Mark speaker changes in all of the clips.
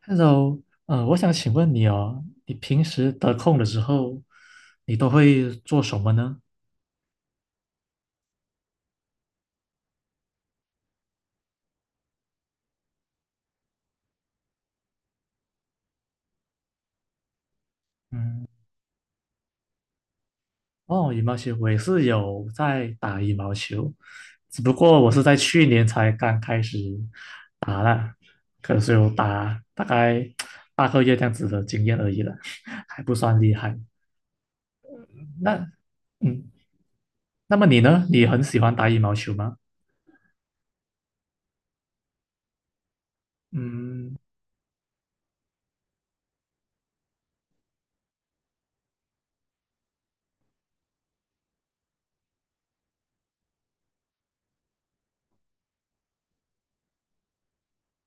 Speaker 1: Hello，我想请问你哦，你平时得空的时候，你都会做什么呢？嗯，哦，羽毛球，我也是有在打羽毛球，只不过我是在去年才刚开始打了，可是有打大概8个月这样子的经验而已了，还不算厉害。那嗯，那么你呢？你很喜欢打羽毛球吗？嗯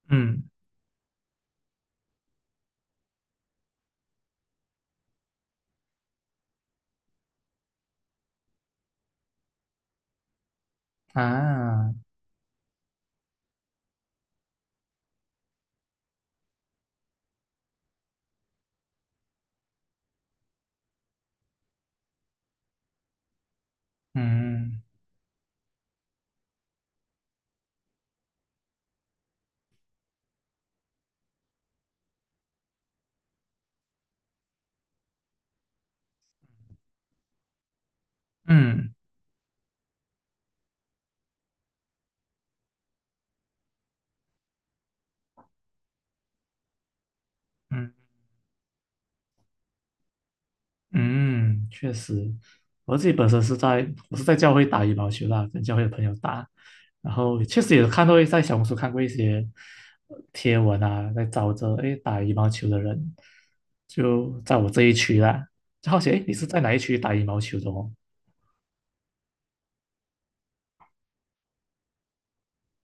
Speaker 1: 嗯啊嗯嗯。嗯嗯，确实，我自己本身是在教会打羽毛球啦，跟教会的朋友打，然后确实也看到在小红书看过一些贴文啊，在找着诶打羽毛球的人，就在我这一区啦，就好奇诶你是在哪一区打羽毛球的哦？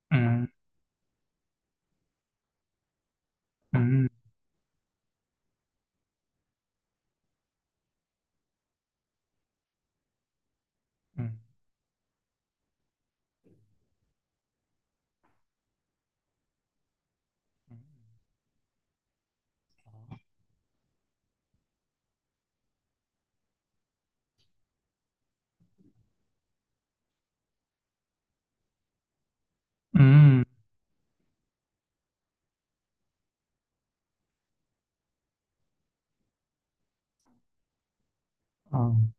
Speaker 1: 嗯嗯嗯嗯哦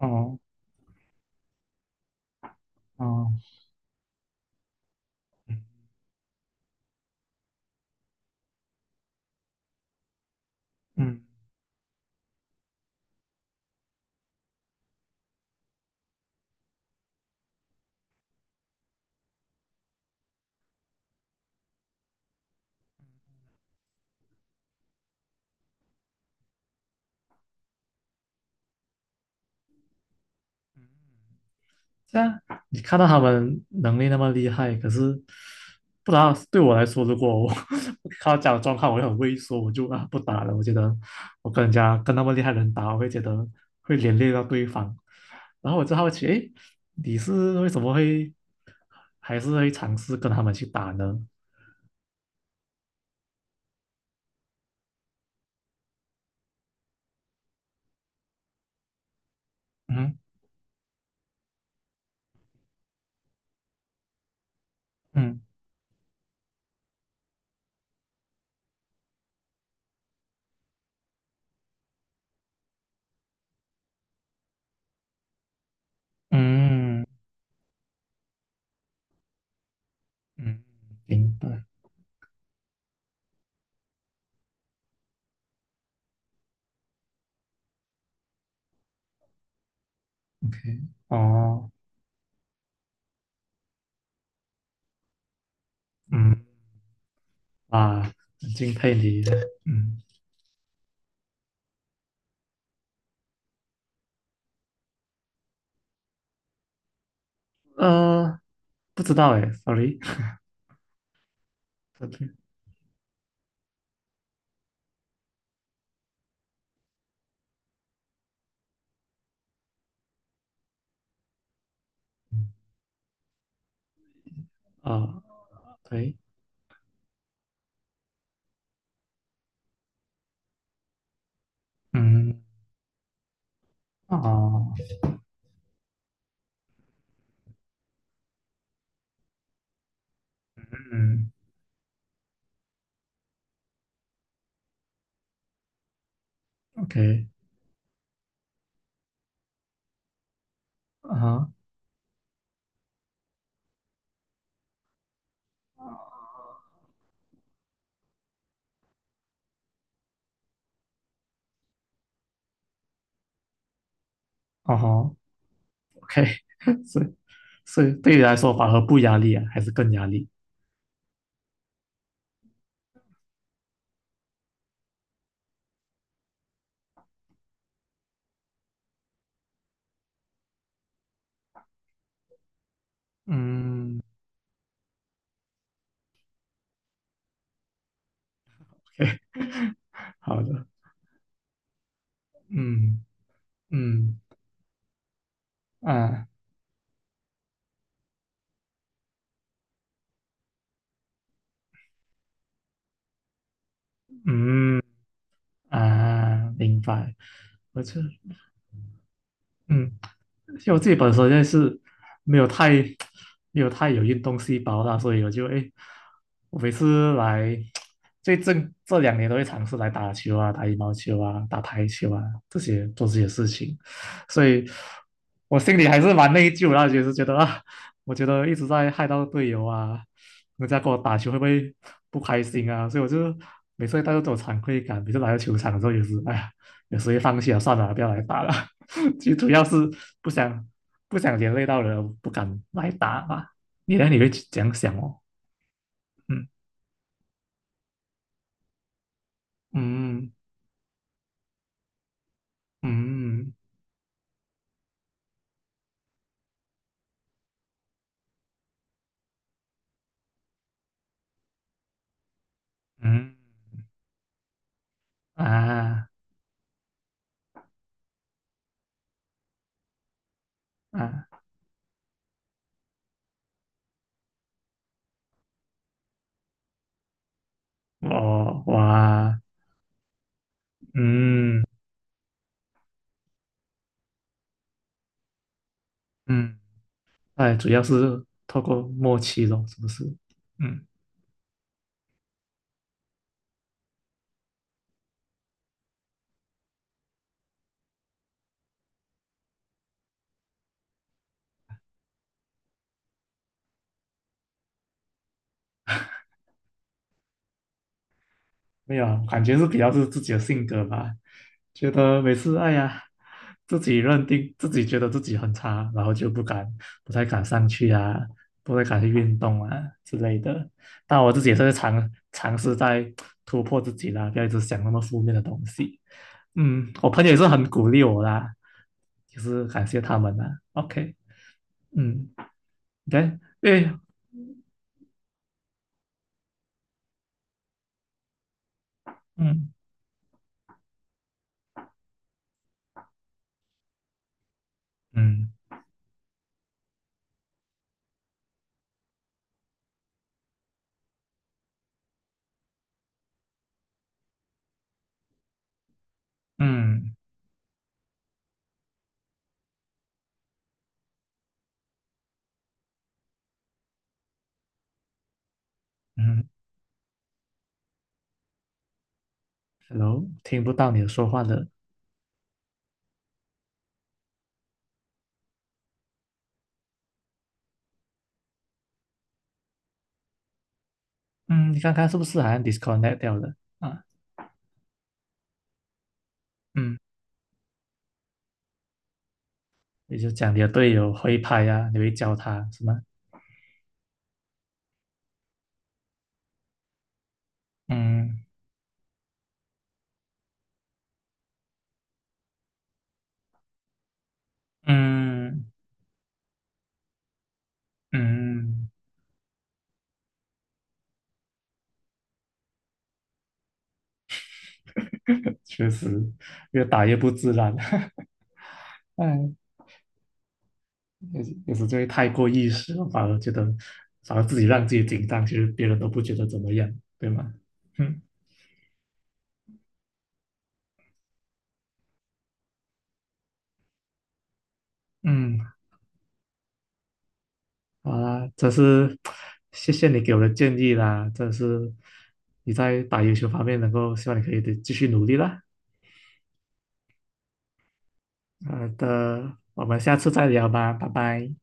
Speaker 1: 哦哦嗯嗯。这啊，你看到他们能力那么厉害，可是不知道对我来说，如果我 看到这样的状况，我就很畏缩，我就啊不打了。我觉得我跟人家跟那么厉害的人打，我会觉得会连累到对方。然后我就好奇，诶，你是为什么会还是会尝试跟他们去打呢？嗯嗯嗯嗯，明白，OK，哦，嗯啊，很敬佩你，嗯呃，不知道诶，sorry。OK 啊，OK，嗯，啊，嗯，OK，啊哈，啊吼，OK，所以所以对你来说，反而不压力啊，还是更压力嗯，？OK，好的，嗯，嗯，啊，嗯，啊，明白，我这。嗯。因为我自己本身就是没有太 没有太有运动细胞啦，所以我就哎，我每次来最近这2年都会尝试来打球啊、打羽毛球啊、打排球啊这些做这些事情，所以我心里还是蛮内疚的啦，就是觉得啊，我觉得一直在害到队友啊，人家跟我打球会不会不开心啊？所以我就每次会带着这种惭愧感，每次来到球场的时候也是，哎呀，有时候也放弃了，算了啊，不要来打了。最主要是不想不想连累到人，不敢来打吧。你呢？你会这样想哦？嗯嗯嗯嗯啊啊！我哇，嗯嗯，哎，主要是透过默契咯，是不是？嗯。没有，感觉是比较是自己的性格吧，觉得每次哎呀，自己认定自己觉得自己很差，然后就不敢，不太敢上去啊，不太敢去运动啊之类的。但我自己也是在尝试在突破自己啦，不要一直想那么负面的东西。嗯，我朋友也是很鼓励我啦，就是感谢他们啦。OK，嗯，对，对，嗯嗯嗯嗯，Hello，听不到你说话了。嗯，你看看是不是好像 disconnect 掉了啊？嗯，也就讲你的队友会拍啊，你会教他是吗？嗯嗯嗯，确实越打越不自然。嗯，有时就会太过意识了，反而觉得反而自己让自己紧张，其实别人都不觉得怎么样，对吗？嗯嗯，好啦，这是谢谢你给我的建议啦，这是你在打游球方面能够，希望你可以得继续努力啦。好的，我们下次再聊吧，拜拜。